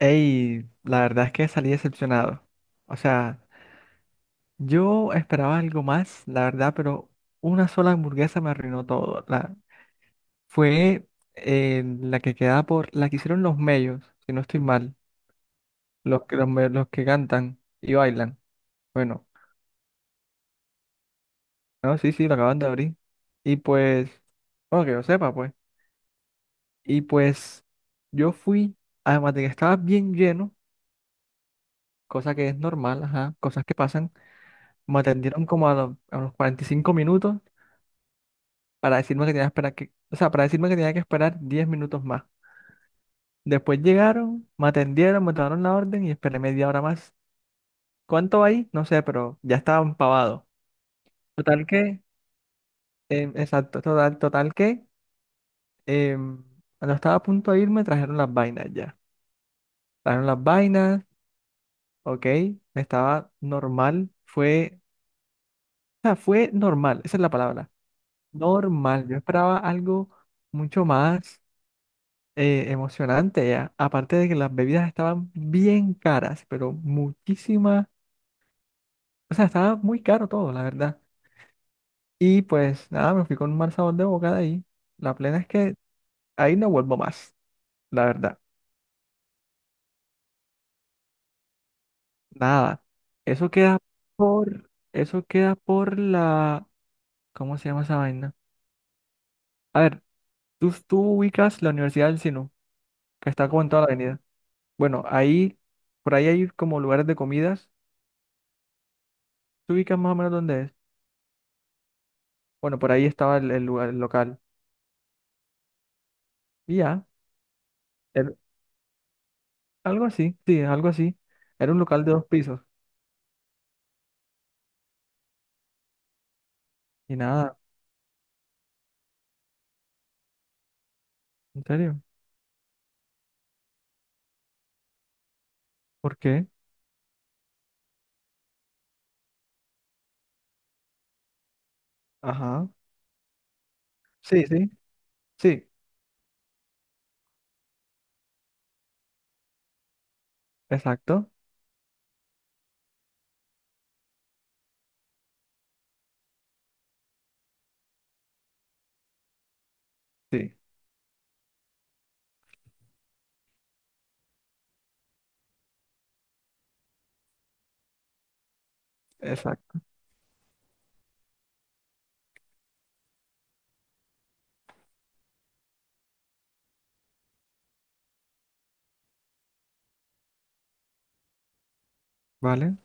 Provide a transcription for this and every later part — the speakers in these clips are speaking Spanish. Ey, la verdad es que salí decepcionado. O sea, yo esperaba algo más, la verdad, pero una sola hamburguesa me arruinó todo. La, fue la que quedaba por, la que hicieron los mellos, si no estoy mal, los que cantan y bailan. Bueno, no, sí, sí, lo acaban de abrir. Y pues, bueno, que yo sepa, pues. Y pues, yo fui, además de que estaba bien lleno, cosa que es normal, ajá, cosas que pasan, me atendieron como a los 45 minutos para decirme que tenía que esperar que, o sea, para decirme que tenía que esperar 10 minutos más. Después llegaron, me atendieron, me tomaron la orden y esperé media hora más. ¿Cuánto ahí? No sé, pero ya estaba empavado. Total que, exacto, total que, em, cuando estaba a punto de irme, trajeron las vainas ya. Trajeron las vainas, ok, estaba normal, fue, o sea, fue normal, esa es la palabra, normal. Yo esperaba algo mucho más, emocionante ya. Aparte de que las bebidas estaban bien caras, pero muchísimas. O sea, estaba muy caro todo, la verdad. Y pues nada, me fui con un mal sabor de boca de ahí. La plena es que ahí no vuelvo más, la verdad. Nada. Eso queda por. Eso queda por la. ¿Cómo se llama esa vaina? A ver, tú ubicas la Universidad del Sinu, que está como en toda la avenida. Bueno, ahí. Por ahí hay como lugares de comidas. ¿Tú ubicas más o menos dónde es? Bueno, por ahí estaba el lugar, el local. Y ya. Era- Algo así, sí, algo así. Era un local de dos pisos. Y nada, en serio. ¿Por qué? Ajá. Sí, sí, sí, exacto. Sí, exacto. Vale.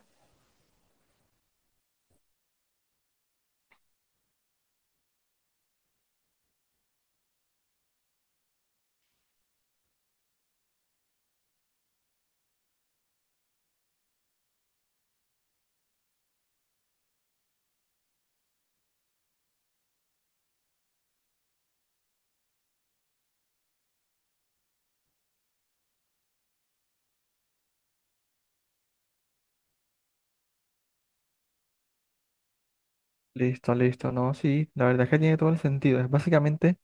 Listo, listo. No, sí, la verdad es que tiene todo el sentido. Es básicamente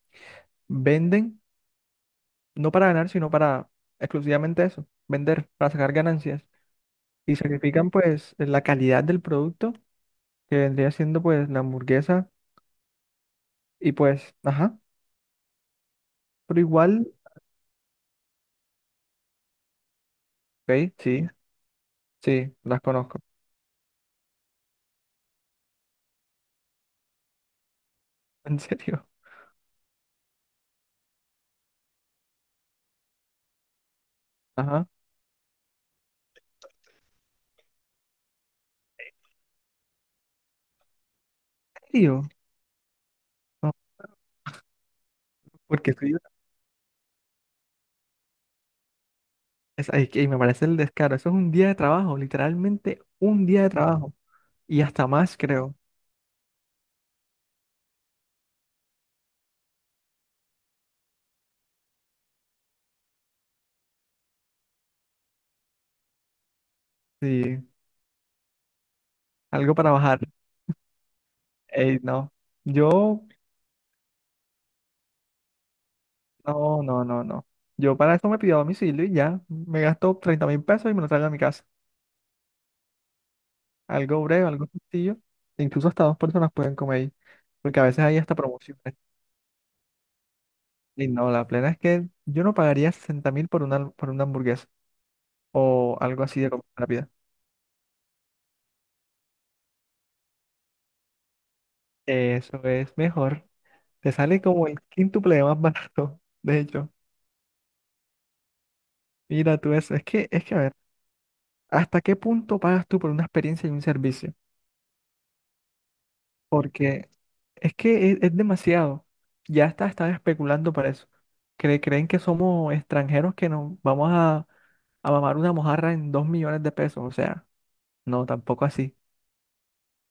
venden, no para ganar, sino para exclusivamente eso, vender, para sacar ganancias. Y sacrifican pues la calidad del producto, que vendría siendo pues la hamburguesa. Y pues, ajá, pero igual, ok, sí, sí, las conozco. En serio. Ajá. ¿En serio? Porque es, ay, que me parece el descaro. Eso es un día de trabajo, literalmente un día de trabajo. Y hasta más, creo. Sí, algo para bajar. Ey, no. Yo, no, no, no, no. Yo para eso me pido domicilio y ya. Me gasto 30.000 pesos y me lo traigo a mi casa. Algo breve, algo sencillo. E incluso hasta dos personas pueden comer ahí. Porque a veces hay hasta promociones. Y no, la plena es que yo no pagaría 60.000 por una hamburguesa o algo así de comida rápida. Eso es mejor. Te sale como el quíntuple de más barato, de hecho. Mira tú eso. Es que, a ver, ¿hasta qué punto pagas tú por una experiencia y un servicio? Porque es que es demasiado. Ya está, están especulando para eso. Creen que somos extranjeros que nos vamos a mamar una mojarra en 2.000.000 de pesos. O sea, no, tampoco así.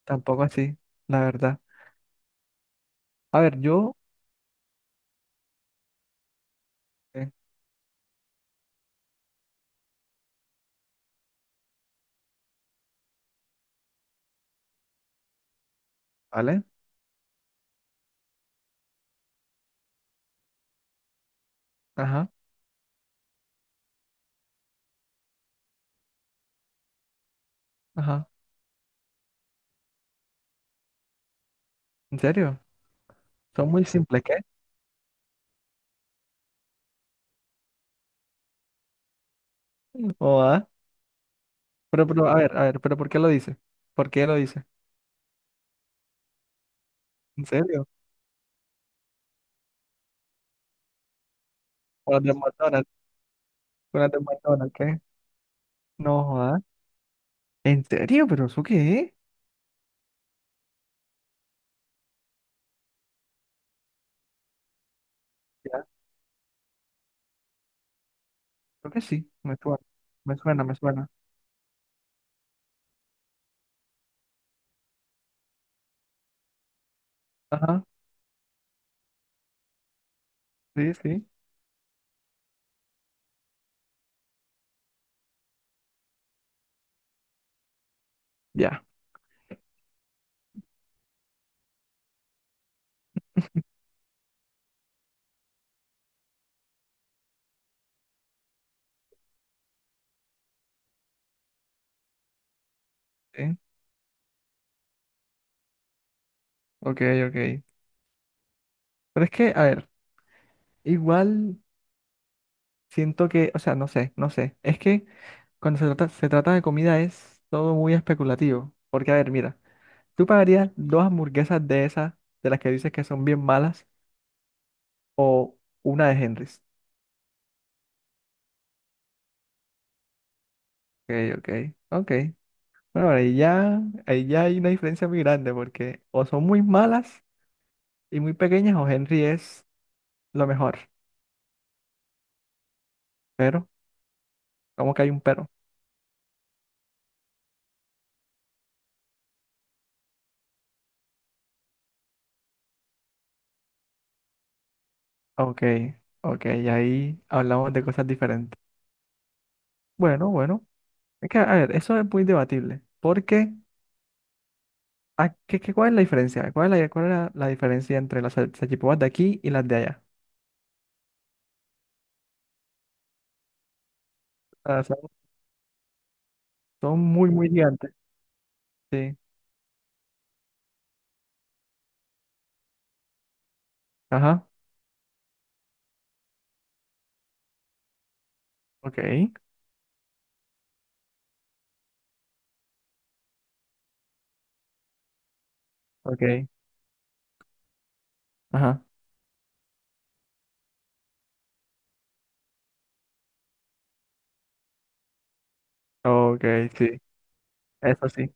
Tampoco así, la verdad. A ver, yo, eh, ¿vale? Ajá, ajá. ¿En serio? Son muy simples, ¿qué? O ah. Pero, a ver, pero ¿por qué lo dice? ¿Por qué lo dice? ¿En serio? ¿O las de McDonald's? ¿Con las de McDonald's? ¿Qué? No, jodas. ¿En serio? ¿Pero eso qué es? Ya, creo que sí. Me suena. Me suena, me suena. Ajá. Sí, sí. Ya. Sí. Ok, ok. Pero es que, a ver, igual siento que, o sea, no sé, no sé. Es que cuando se trata de comida es todo muy especulativo. Porque, a ver, mira, ¿tú pagarías dos hamburguesas de esas, de las que dices que son bien malas, o una de Henry's? Ok, ok. Ok. Bueno, ahí ya hay una diferencia muy grande porque o son muy malas y muy pequeñas o Henry es lo mejor. Pero, ¿cómo que hay un pero? Ok, ok, ahí hablamos de cosas diferentes. Bueno, bueno, es que, a ver, eso es muy debatible. Porque, ¿cuál es la diferencia? ¿Cuál es la diferencia entre las salchipapas de aquí y las de allá? Ah, son muy, muy gigantes. Sí, ajá, ok, ok, ajá, ok, sí, eso sí,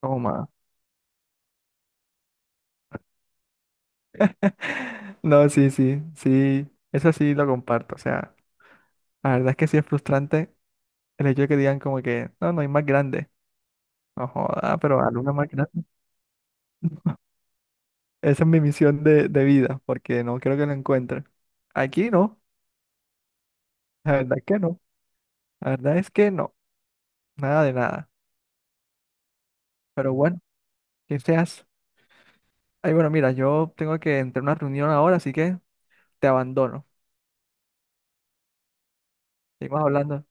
toma. No, sí, sí, sí, eso sí lo comparto. O sea, la verdad es que sí es frustrante el hecho de que digan como que, no, no hay más grande. No joda, pero alguna una más grande. Esa es mi misión de vida, porque no creo que lo encuentren. Aquí no, la verdad es que no. La verdad es que no, nada de nada. Pero bueno, que seas. Ay, bueno, mira, yo tengo que entrar a una reunión ahora, así que te abandono. Seguimos hablando.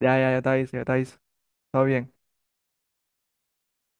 Ya, ya, ya te aviso, ya te aviso. Todo bien.